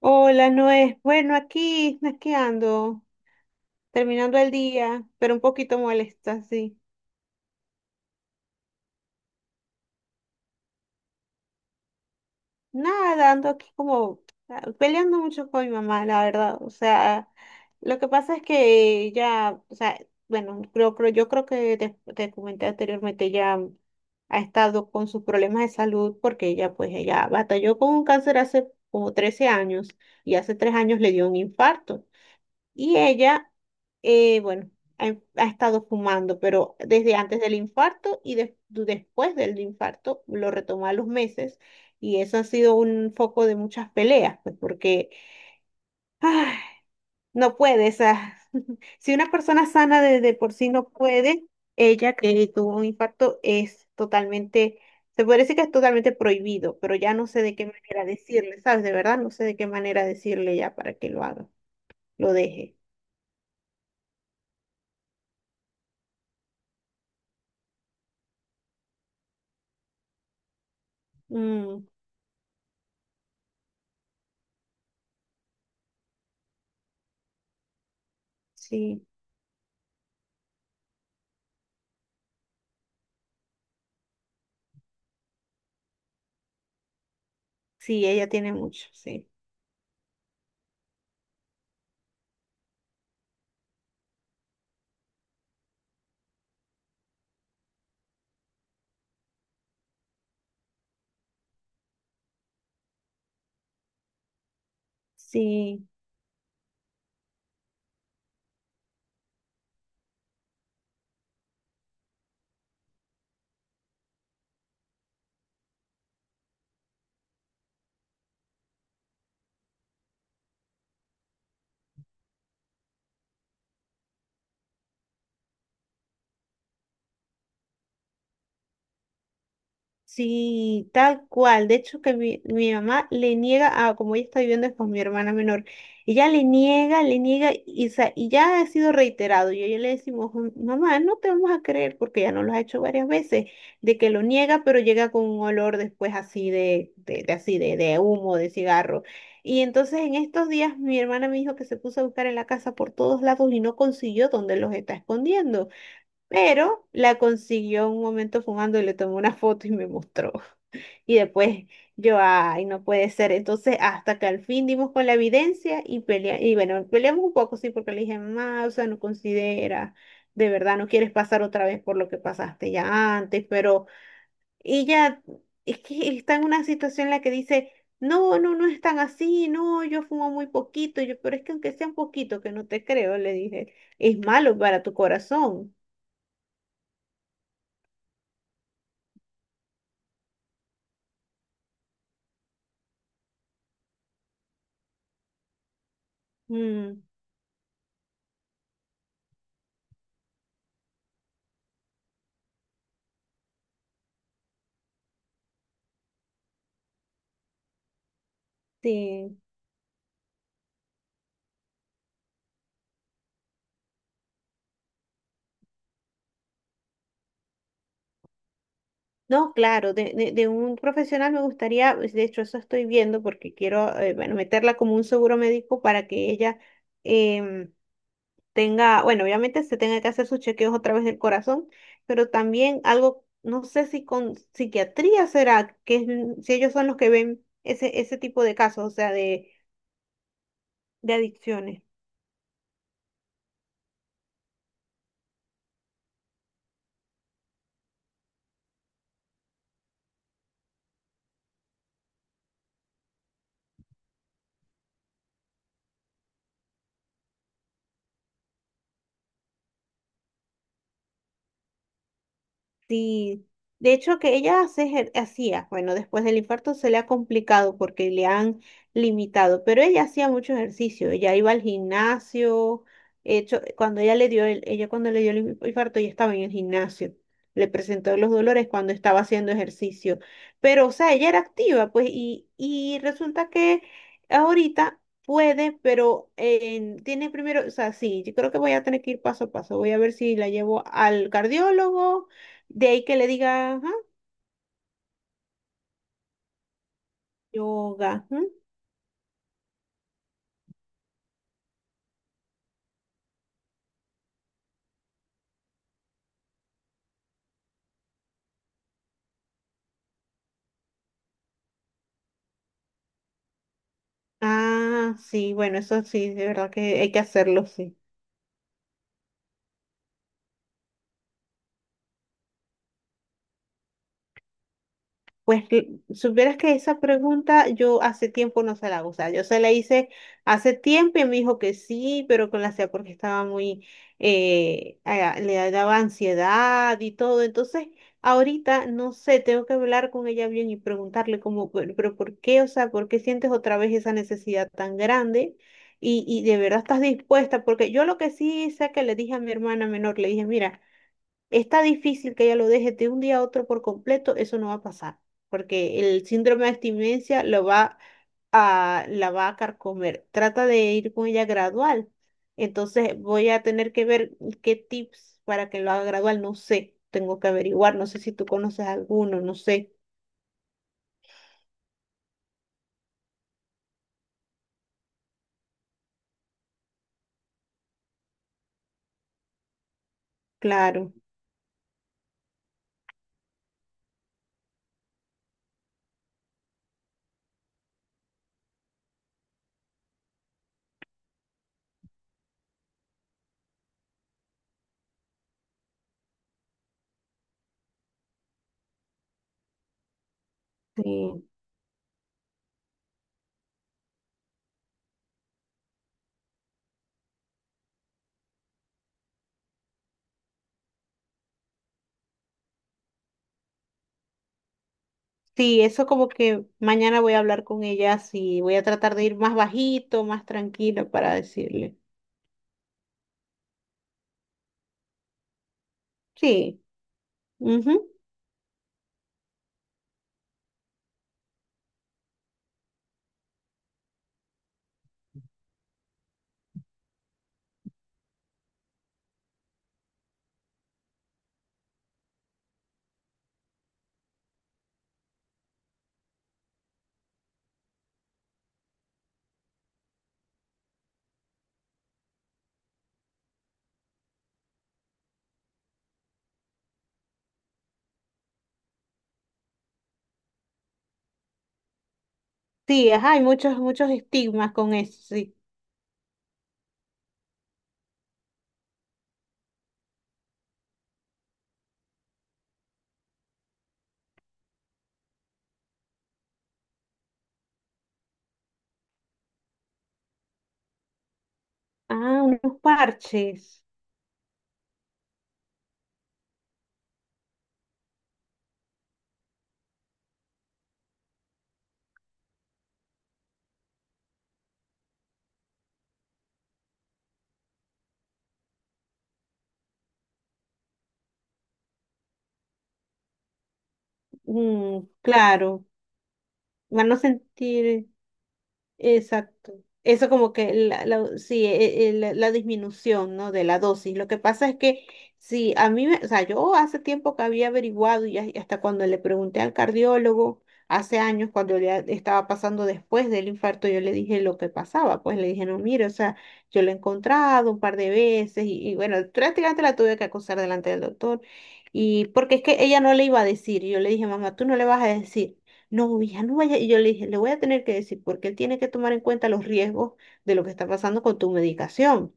Hola, Noé. Bueno, aquí ando, terminando el día, pero un poquito molesta, sí. Nada, ando aquí como peleando mucho con mi mamá, la verdad. O sea, lo que pasa es que ya, o sea, bueno, yo creo que te comenté anteriormente, ya ha estado con sus problemas de salud porque ella batalló con un cáncer hace como 13 años y hace 3 años le dio un infarto. Y ella, bueno, ha estado fumando, pero desde antes del infarto y después del infarto lo retomó a los meses. Y eso ha sido un foco de muchas peleas, pues porque ah, no puede. Si una persona sana de por sí no puede, ella que tuvo un infarto es totalmente, se puede decir que es totalmente prohibido, pero ya no sé de qué manera decirle, ¿sabes? De verdad no sé de qué manera decirle ya para que lo haga, lo deje. Mm, sí. Sí, ella tiene mucho, sí. Sí, sí, tal cual. De hecho, que mi mamá le niega a, como ella está viviendo con mi hermana menor, ella le niega, y, o sea, y ya ha sido reiterado. Y a ella le decimos, "Mm, mamá, no te vamos a creer, porque ya nos lo ha hecho varias veces, de que lo niega, pero llega con un olor después así de así de humo, de cigarro." Y entonces en estos días mi hermana me dijo que se puso a buscar en la casa por todos lados y no consiguió donde los está escondiendo. Pero la consiguió un momento fumando y le tomó una foto y me mostró. Y después yo, ay, no puede ser. Entonces, hasta que al fin dimos con la evidencia y pelea, y bueno, peleamos un poco, sí, porque le dije, mamá, o sea, no considera, de verdad, no quieres pasar otra vez por lo que pasaste ya antes, pero ella es que está en una situación en la que dice, no, no, no es tan así, no, yo fumo muy poquito. Y yo, pero es que aunque sea un poquito, que no te creo, le dije, es malo para tu corazón. Mm. Sí, no, claro, de un profesional me gustaría, pues, de hecho eso estoy viendo porque quiero, bueno, meterla como un seguro médico para que ella em, tenga, bueno, obviamente se tenga que hacer sus chequeos otra vez del corazón, pero también algo, no sé si con psiquiatría será, si ellos son los que ven ese, tipo de casos, o sea, de adicciones. Sí, de hecho que ella hacía, bueno, después del infarto se le ha complicado porque le han limitado, pero ella hacía mucho ejercicio, ella iba al gimnasio, hecho, cuando ella cuando le dio el infarto ya estaba en el gimnasio, le presentó los dolores cuando estaba haciendo ejercicio, pero o sea, ella era activa, pues, y resulta que ahorita puede, pero tiene primero, o sea, sí, yo creo que voy a tener que ir paso a paso, voy a ver si la llevo al cardiólogo de ahí que le diga, ajá, yoga. Ujú. Ah, sí, bueno, eso sí, de verdad que hay que hacerlo, sí. Pues que- Supieras que esa pregunta yo hace tiempo no se la hago, o sea, yo se la hice hace tiempo y me dijo que sí, pero que la hacía porque estaba muy, le daba ansiedad y todo, entonces ahorita no sé, tengo que hablar con ella bien y preguntarle como, pero ¿por qué? O sea, ¿por qué sientes otra vez esa necesidad tan grande? Y de verdad estás dispuesta, porque yo lo que sí sé que le dije a mi hermana menor, le dije, mira, está difícil que ella lo deje de un día a otro por completo, eso no va a pasar, porque el síndrome de abstinencia la va a carcomer. Trata de ir con ella gradual. Entonces voy a tener que ver qué tips para que lo haga gradual, no sé, tengo que averiguar, no sé si tú conoces alguno, no sé, claro. Sí, sí, eso como que mañana voy a hablar con ella, sí, voy a tratar de ir más bajito, más tranquila para decirle. Sí. Ujú. Sí, ajá, hay muchos, muchos estigmas con eso, sí. Ah, unos parches. Mm, claro. Van a sentir. Exacto. Eso como que sí, la disminución, ¿no? De la dosis. Lo que pasa es que sí, a mí, o sea, yo hace tiempo que había averiguado y hasta cuando le pregunté al cardiólogo, hace años, cuando ya estaba pasando después del infarto, yo le dije lo que pasaba. Pues le dije, no, mire, o sea, yo lo he encontrado un par de veces y bueno, prácticamente la tuve que acusar delante del doctor. Y porque es que ella no le iba a decir, y yo le dije, mamá, tú no le vas a decir. No, hija, no vaya. Y yo le dije, le voy a tener que decir porque él tiene que tomar en cuenta los riesgos de lo que está pasando con tu medicación.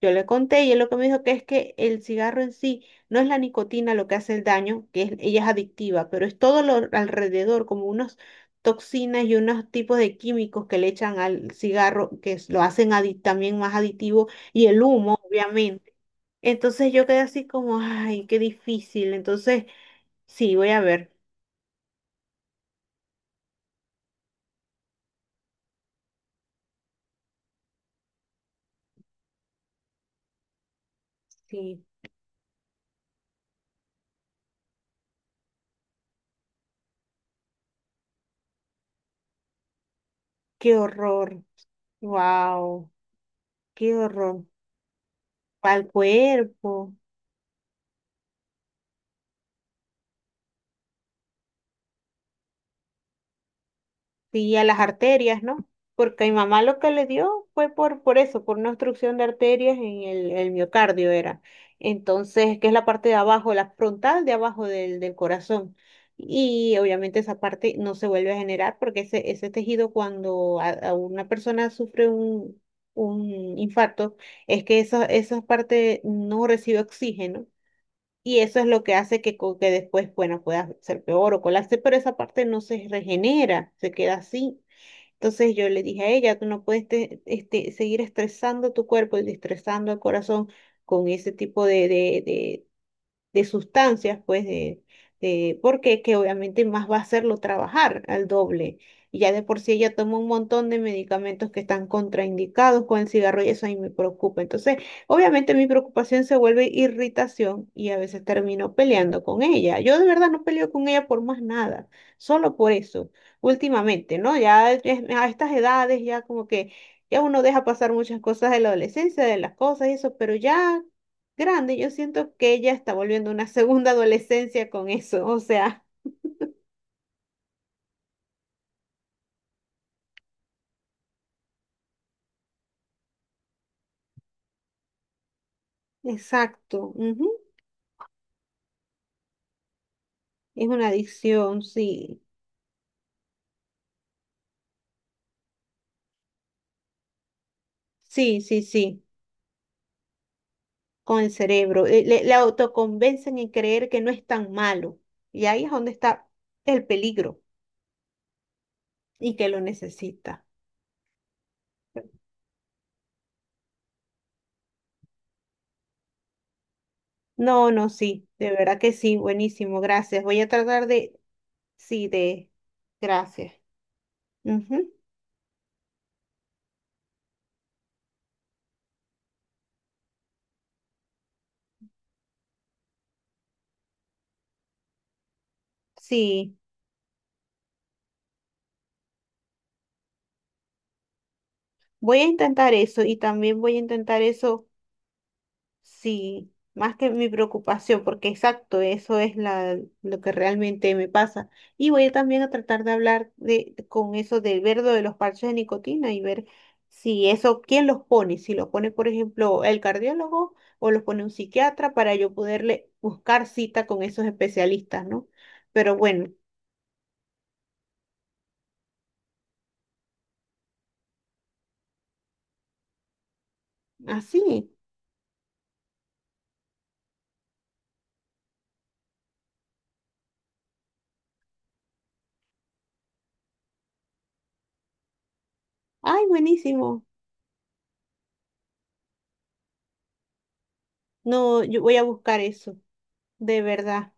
Yo le conté y él lo que me dijo que es que el cigarro en sí no es la nicotina lo que hace el daño, ella es adictiva, pero es todo lo alrededor, como unas toxinas y unos tipos de químicos que le echan al cigarro lo hacen también más adictivo y el humo, obviamente. Entonces yo quedé así como, ay, qué difícil. Entonces, sí, voy a ver. Sí, qué horror. Wow, qué horror. Al cuerpo y a las arterias, ¿no? Porque a mi mamá lo que le dio fue por eso, por una obstrucción de arterias en el miocardio era. Entonces, que es la parte de abajo, la frontal de abajo del corazón. Y obviamente esa parte no se vuelve a generar porque ese tejido cuando a una persona sufre un infarto, es que esa parte no recibe oxígeno. Y eso es lo que hace que, que después, bueno, pueda ser peor o colarse, pero esa parte no se regenera, se queda así. Entonces yo le dije a ella, tú no puedes seguir estresando tu cuerpo y estresando el corazón con ese tipo de sustancias, pues, porque que obviamente más va a hacerlo trabajar al doble. Y ya de por sí ella toma un montón de medicamentos que están contraindicados con el cigarro y eso a mí me preocupa. Entonces, obviamente mi preocupación se vuelve irritación y a veces termino peleando con ella. Yo de verdad no peleo con ella por más nada, solo por eso, últimamente, ¿no? Ya a estas edades ya como que... Ya uno deja pasar muchas cosas de la adolescencia, de las cosas y eso, pero ya grande. Yo siento que ella está volviendo una segunda adolescencia con eso. O sea, exacto. Ujú. Es una adicción, sí. Sí, sí, sí. Con el cerebro. Le autoconvencen en creer que no es tan malo. Y ahí es donde está el peligro y que lo necesita. No, no, sí. De verdad que sí. Buenísimo. Gracias. Voy a tratar de. Sí, de. Gracias. Ujú. Sí. Voy a intentar eso y también voy a intentar eso. Sí, más que mi preocupación, porque exacto, eso es lo que realmente me pasa. Y voy a también a tratar de hablar con eso del verdo de los parches de nicotina y ver si eso, quién los pone, si los pone, por ejemplo, el cardiólogo o los pone un psiquiatra para yo poderle buscar cita con esos especialistas, ¿no? Pero bueno, así. Ay, buenísimo. No, yo voy a buscar eso, de verdad.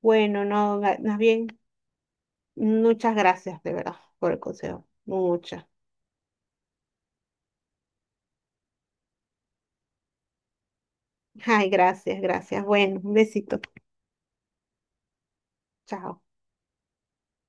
Bueno, no, más bien. Muchas gracias, de verdad, por el consejo. Muchas. Ay, gracias, gracias. Bueno, un besito. Chao.